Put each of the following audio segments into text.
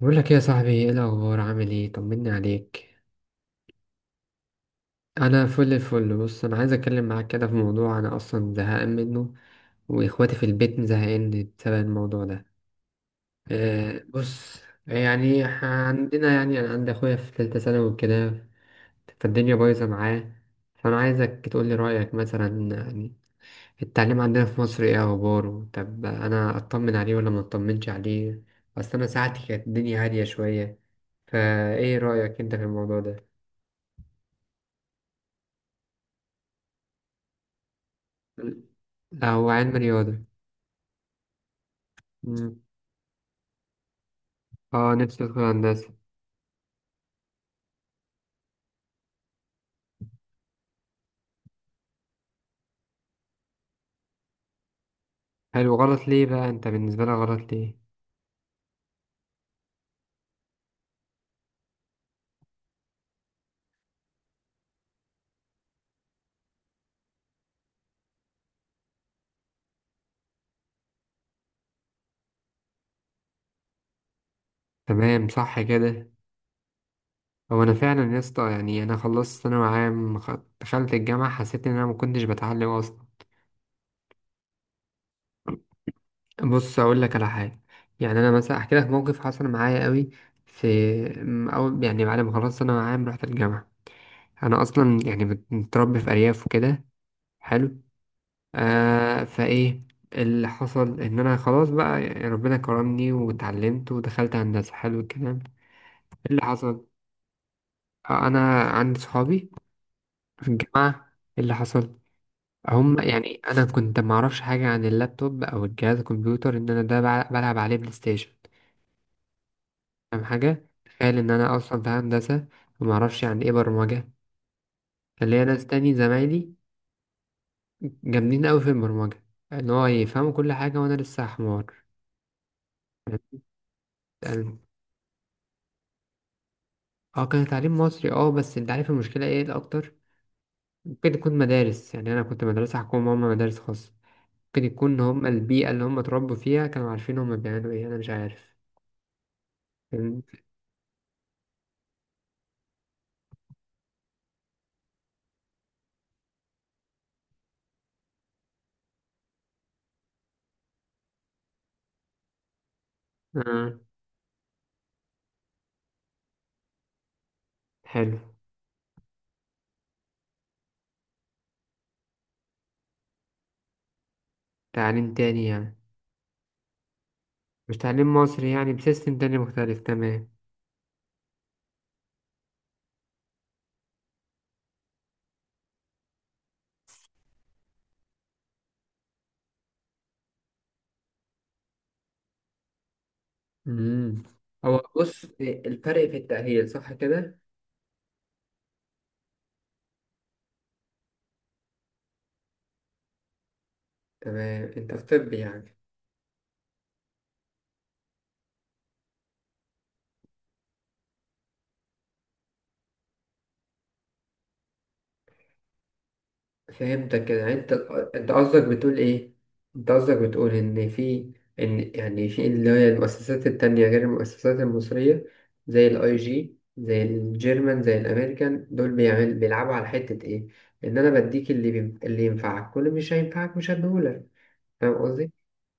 بقول لك ايه يا صاحبي؟ ايه الاخبار؟ عامل ايه؟ طمني عليك. انا فل الفل. بص، انا عايز اتكلم معاك كده في موضوع انا اصلا زهقان منه، واخواتي في البيت زهقان بسبب الموضوع ده. أه بص، عندنا، يعني انا عندي اخويا في ثالثه ثانوي وكده، فالدنيا بايظه معاه. فانا عايزك تقول لي رايك مثلا، يعني التعليم عندنا في مصر ايه اخباره؟ طب انا اطمن عليه ولا ما اطمنش عليه؟ اصل انا ساعتي كانت الدنيا هاديه شويه. فايه رايك انت في الموضوع ده؟ لا هو علم رياضه. مم. اه نفسي ادخل هندسه. حلو، غلط ليه بقى؟ انت بالنسبه لك غلط ليه؟ تمام صح كده. هو انا فعلا يا اسطى، يعني انا خلصت ثانوي عام دخلت الجامعه، حسيت ان انا ما كنتش بتعلم اصلا. بص اقول لك على حاجه، يعني انا مثلا احكي لك موقف حصل معايا قوي في او يعني بعد ما خلصت ثانوي عام رحت الجامعه. انا اصلا يعني متربي في ارياف وكده. حلو، آه فايه اللي حصل، ان انا خلاص بقى يعني ربنا كرمني واتعلمت ودخلت هندسه. حلو الكلام. إيه اللي حصل؟ آه انا عندي صحابي في الجامعه. إيه اللي حصل؟ هم يعني انا كنت معرفش حاجه عن اللابتوب او الجهاز الكمبيوتر، ان انا ده بلعب عليه بلاي ستيشن. فاهم حاجة؟ تخيل إن أنا أصلا في هندسة ومعرفش يعني إيه برمجة. كان ليا ناس تاني زمايلي جامدين أوي في البرمجة، إن هو يفهموا كل حاجة وأنا لسه حمار. يعني- اه كان تعليم مصري، اه بس انت عارف المشكلة ايه الأكتر؟ ممكن يكون مدارس، يعني أنا كنت مدرسة حكومة وهما مدارس خاصة. ممكن يكون هما البيئة اللي هما اتربوا فيها كانوا عارفين هما بيعملوا ايه، أنا مش عارف. فهمت؟ آه حلو. تعليم تاني يعني، مش تعليم مصري يعني، بسيستم تاني مختلف، تمام. امم، هو بص، الفرق في التأهيل صح كده؟ تمام، انت في طب يعني. فهمتك كده. يعني انت، انت قصدك بتقول ايه؟ انت قصدك بتقول ان في، ان يعني في اللي هي المؤسسات التانية غير المؤسسات المصرية، زي الاي جي، زي الجيرمان، زي الامريكان، دول بيعمل بيلعبوا على حتة ايه؟ ان انا بديك اللي بي... اللي ينفعك كل، مش هينفعك مش هديهولك. فاهم قصدي؟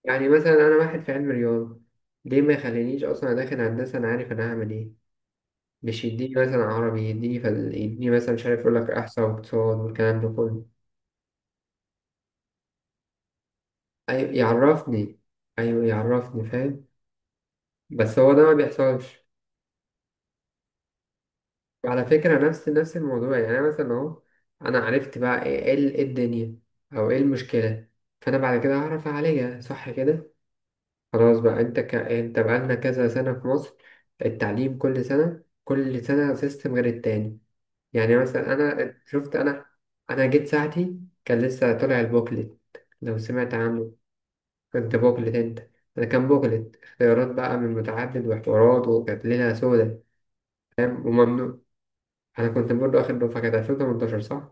يعني مثلا انا واحد في علم رياضة، ليه ما يخلينيش اصلا داخل هندسة، انا عارف انا هعمل ايه؟ مش يديني مثلا عربي، يديني فل... يديني مثلا مش عارف، يقول لك احصاء واقتصاد والكلام ده كله. ايوه يعرفني، ايوه يعرفني، فاهم. بس هو ده ما بيحصلش. وعلى فكره نفس الموضوع، يعني انا مثلا اهو، انا عرفت بقى ايه، إيه إيه الدنيا، او ايه المشكله. فانا بعد كده هعرف اعالجها، صح كده. خلاص بقى، انت ك... انت بقالنا كذا سنه في مصر، التعليم كل سنه كل سنه سيستم غير التاني. يعني مثلا انا شفت، انا جيت ساعتي كان لسه طالع البوكلت، لو سمعت عنه. كنت بوكلت انت؟ انا كان بوكلت اختيارات بقى من متعدد وحوارات، وكانت ليلة سودة. فاهم، وممنوع. انا كنت برضه اخر دفعة، كانت 2018 صح؟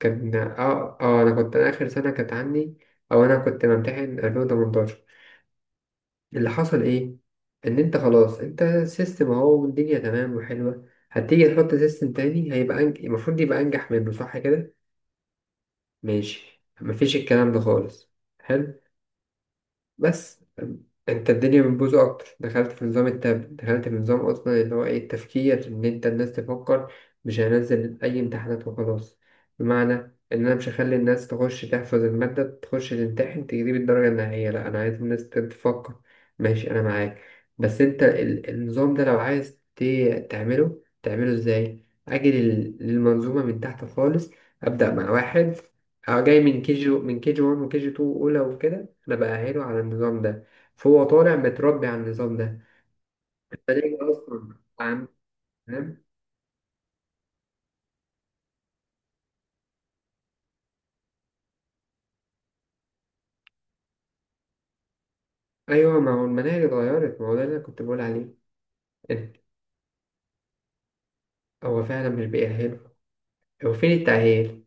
كان اه اه انا كنت اخر سنة كانت عندي، او انا كنت بمتحن 2018. اللي حصل ايه، ان انت خلاص انت سيستم اهو والدنيا تمام وحلوة، هتيجي تحط سيستم تاني هيبقى أنج... المفروض يبقى انجح منه صح كده؟ ماشي، مفيش الكلام ده خالص. حلو. بس انت الدنيا بتبوظ اكتر، دخلت في نظام التاب، دخلت في نظام اصلا اللي هو ايه، التفكير، ان انت الناس تفكر. مش هنزل اي امتحانات وخلاص. بمعنى ان انا مش هخلي الناس تخش تحفظ المادة تخش تمتحن تجيب الدرجة النهائية، لا انا عايز الناس تفكر. ماشي انا معاك. بس انت النظام ده لو عايز تعمله، تعمله ازاي؟ اجي للمنظومة من تحت خالص، ابدأ مع واحد، أو جاي من كي جي، من كي جي 1 وكي جي 2 اولى وكده، انا بأهله على النظام ده، فهو طالع متربي على النظام ده. فليه اصلا عم، تمام. ايوه ما هو المناهج اتغيرت، ما هو ده اللي انا كنت بقول عليه، إن هو فعلا مش بيأهله. هو فين التأهيل؟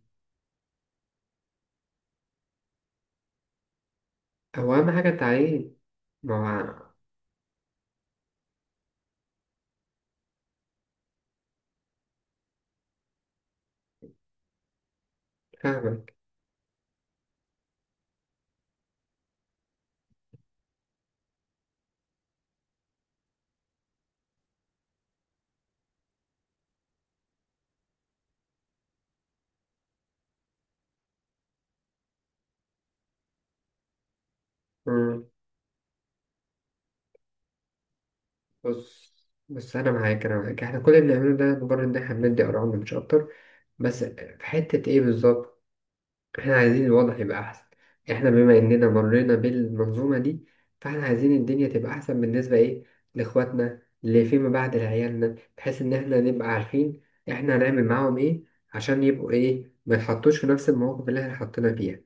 هو اهم حاجة التعليم. ما هو فاهمك. مم. بص، بس انا معاك، احنا كل اللي بنعمله ده مجرد ان احنا بندي ارقام مش اكتر. بس في حتة ايه بالظبط، احنا عايزين الوضع يبقى احسن. احنا بما اننا مرينا بالمنظومة دي، فاحنا عايزين الدنيا تبقى احسن بالنسبة ايه، لاخواتنا اللي فيما بعد، لعيالنا، بحيث ان احنا نبقى عارفين احنا هنعمل معاهم ايه عشان يبقوا ايه، ما يتحطوش في نفس المواقف اللي احنا حطينا فيها.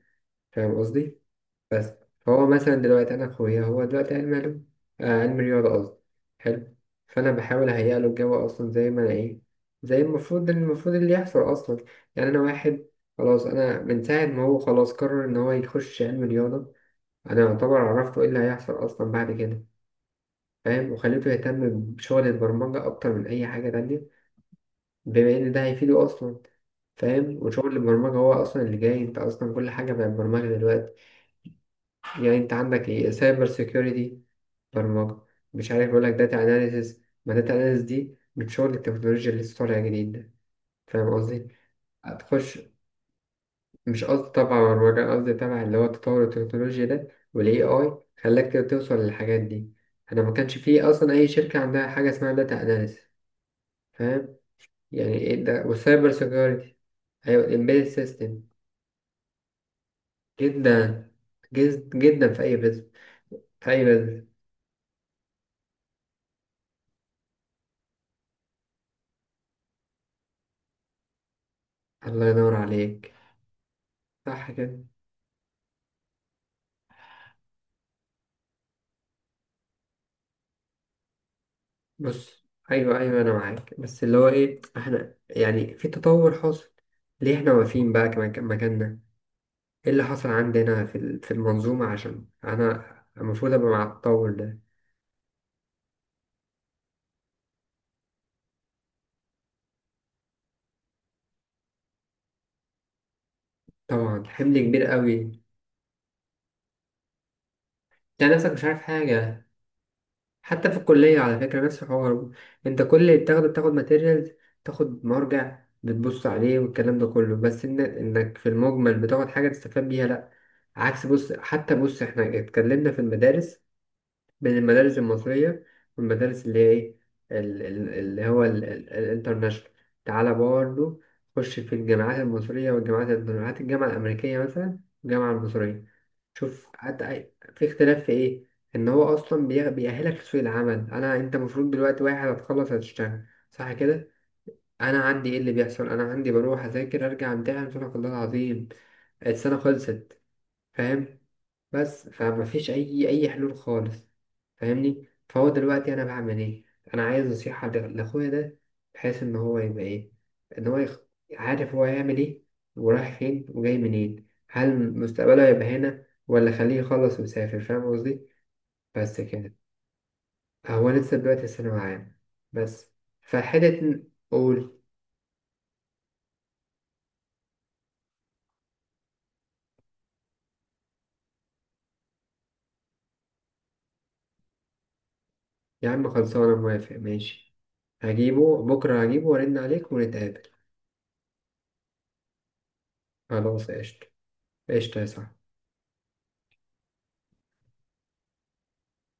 فاهم قصدي؟ بس، فهو مثلا دلوقتي انا اخويا هو دلوقتي علم علوم، آه علم رياضه قصدي. حلو، فانا بحاول اهيئ له الجو اصلا زي ما انا ايه، زي المفروض، المفروض اللي يحصل اصلا. يعني انا واحد خلاص، انا من ساعه ما هو خلاص قرر ان هو يخش علم رياضه، انا يعتبر عرفته ايه اللي هيحصل اصلا بعد كده. فاهم، وخليته يهتم بشغل البرمجه اكتر من اي حاجه تانية، بما ان ده هيفيده اصلا. فاهم، وشغل البرمجة هو أصلا اللي جاي، أنت أصلا كل حاجة بقت برمجة دلوقتي. يعني أنت عندك إيه، سايبر سيكيورتي، برمجة، مش عارف يقول لك داتا اناليسيس، ما داتا اناليسيس دي بتشغل التكنولوجيا اللي لسه طالعة جديد ده. فاهم قصدي؟ هتخش، مش قصدي طبعا برمجة، قصدي طبعا اللي هو تطور التكنولوجيا ده، والاي اي خلاك توصل للحاجات دي. انا ما كانش فيه اصلا اي شركة عندها حاجة اسمها داتا اناليسيس. فاهم؟ يعني ايه ده، والسايبر سيكيورتي، ايوه الامبيد سيستم. جدا، جدا في اي بزنس، في اي بزنس. الله ينور عليك، صح كده. بص ايوه ايوه انا معاك، بس اللي هو ايه، احنا يعني في تطور حاصل، ليه احنا واقفين بقى مكاننا؟ ايه اللي حصل عندنا في في المنظومه، عشان انا المفروض ابقى مع التطور ده. طبعا حمل كبير قوي، انت نفسك مش عارف حاجه. حتى في الكليه على فكره نفس الحوار، انت كل اللي بتاخده بتاخد ماتيريال، تاخد مرجع بتبص عليه والكلام ده كله، بس إن انك في المجمل بتاخد حاجه تستفاد بيها، لا عكس. بص حتى، بص احنا اتكلمنا في المدارس بين المدارس المصرية والمدارس اللي هي إيه، اللي هو الانترناشونال. تعالى برضه، خش في الجامعات المصرية والجامعات الجامعة الأمريكية مثلا والجامعة المصرية، شوف حتى في اختلاف في إيه. إن هو أصلا بيأهلك لسوق العمل. أنا، أنت المفروض دلوقتي واحد هتخلص هتشتغل صح كده؟ أنا عندي إيه اللي بيحصل، أنا عندي بروح أذاكر أرجع أمتحن، سبحانك الله العظيم السنة خلصت. فاهم؟ بس فما فيش اي اي حلول خالص. فاهمني؟ فهو دلوقتي انا بعمل ايه، انا عايز نصيحة لاخويا ده، بحيث ان هو يبقى ايه، ان هو يخ... عارف هو هيعمل ايه ورايح فين وجاي منين، هل مستقبله هيبقى هنا ولا خليه يخلص ويسافر، فاهم قصدي. بس كده، هو لسه دلوقتي ثانوي عام بس، فحتة. قول. يا عم خلصانة، موافق ماشي، هجيبه بكرة، هجيبه وارن عليك ونتقابل. خلاص قشطة، قشطة يا صاحبي.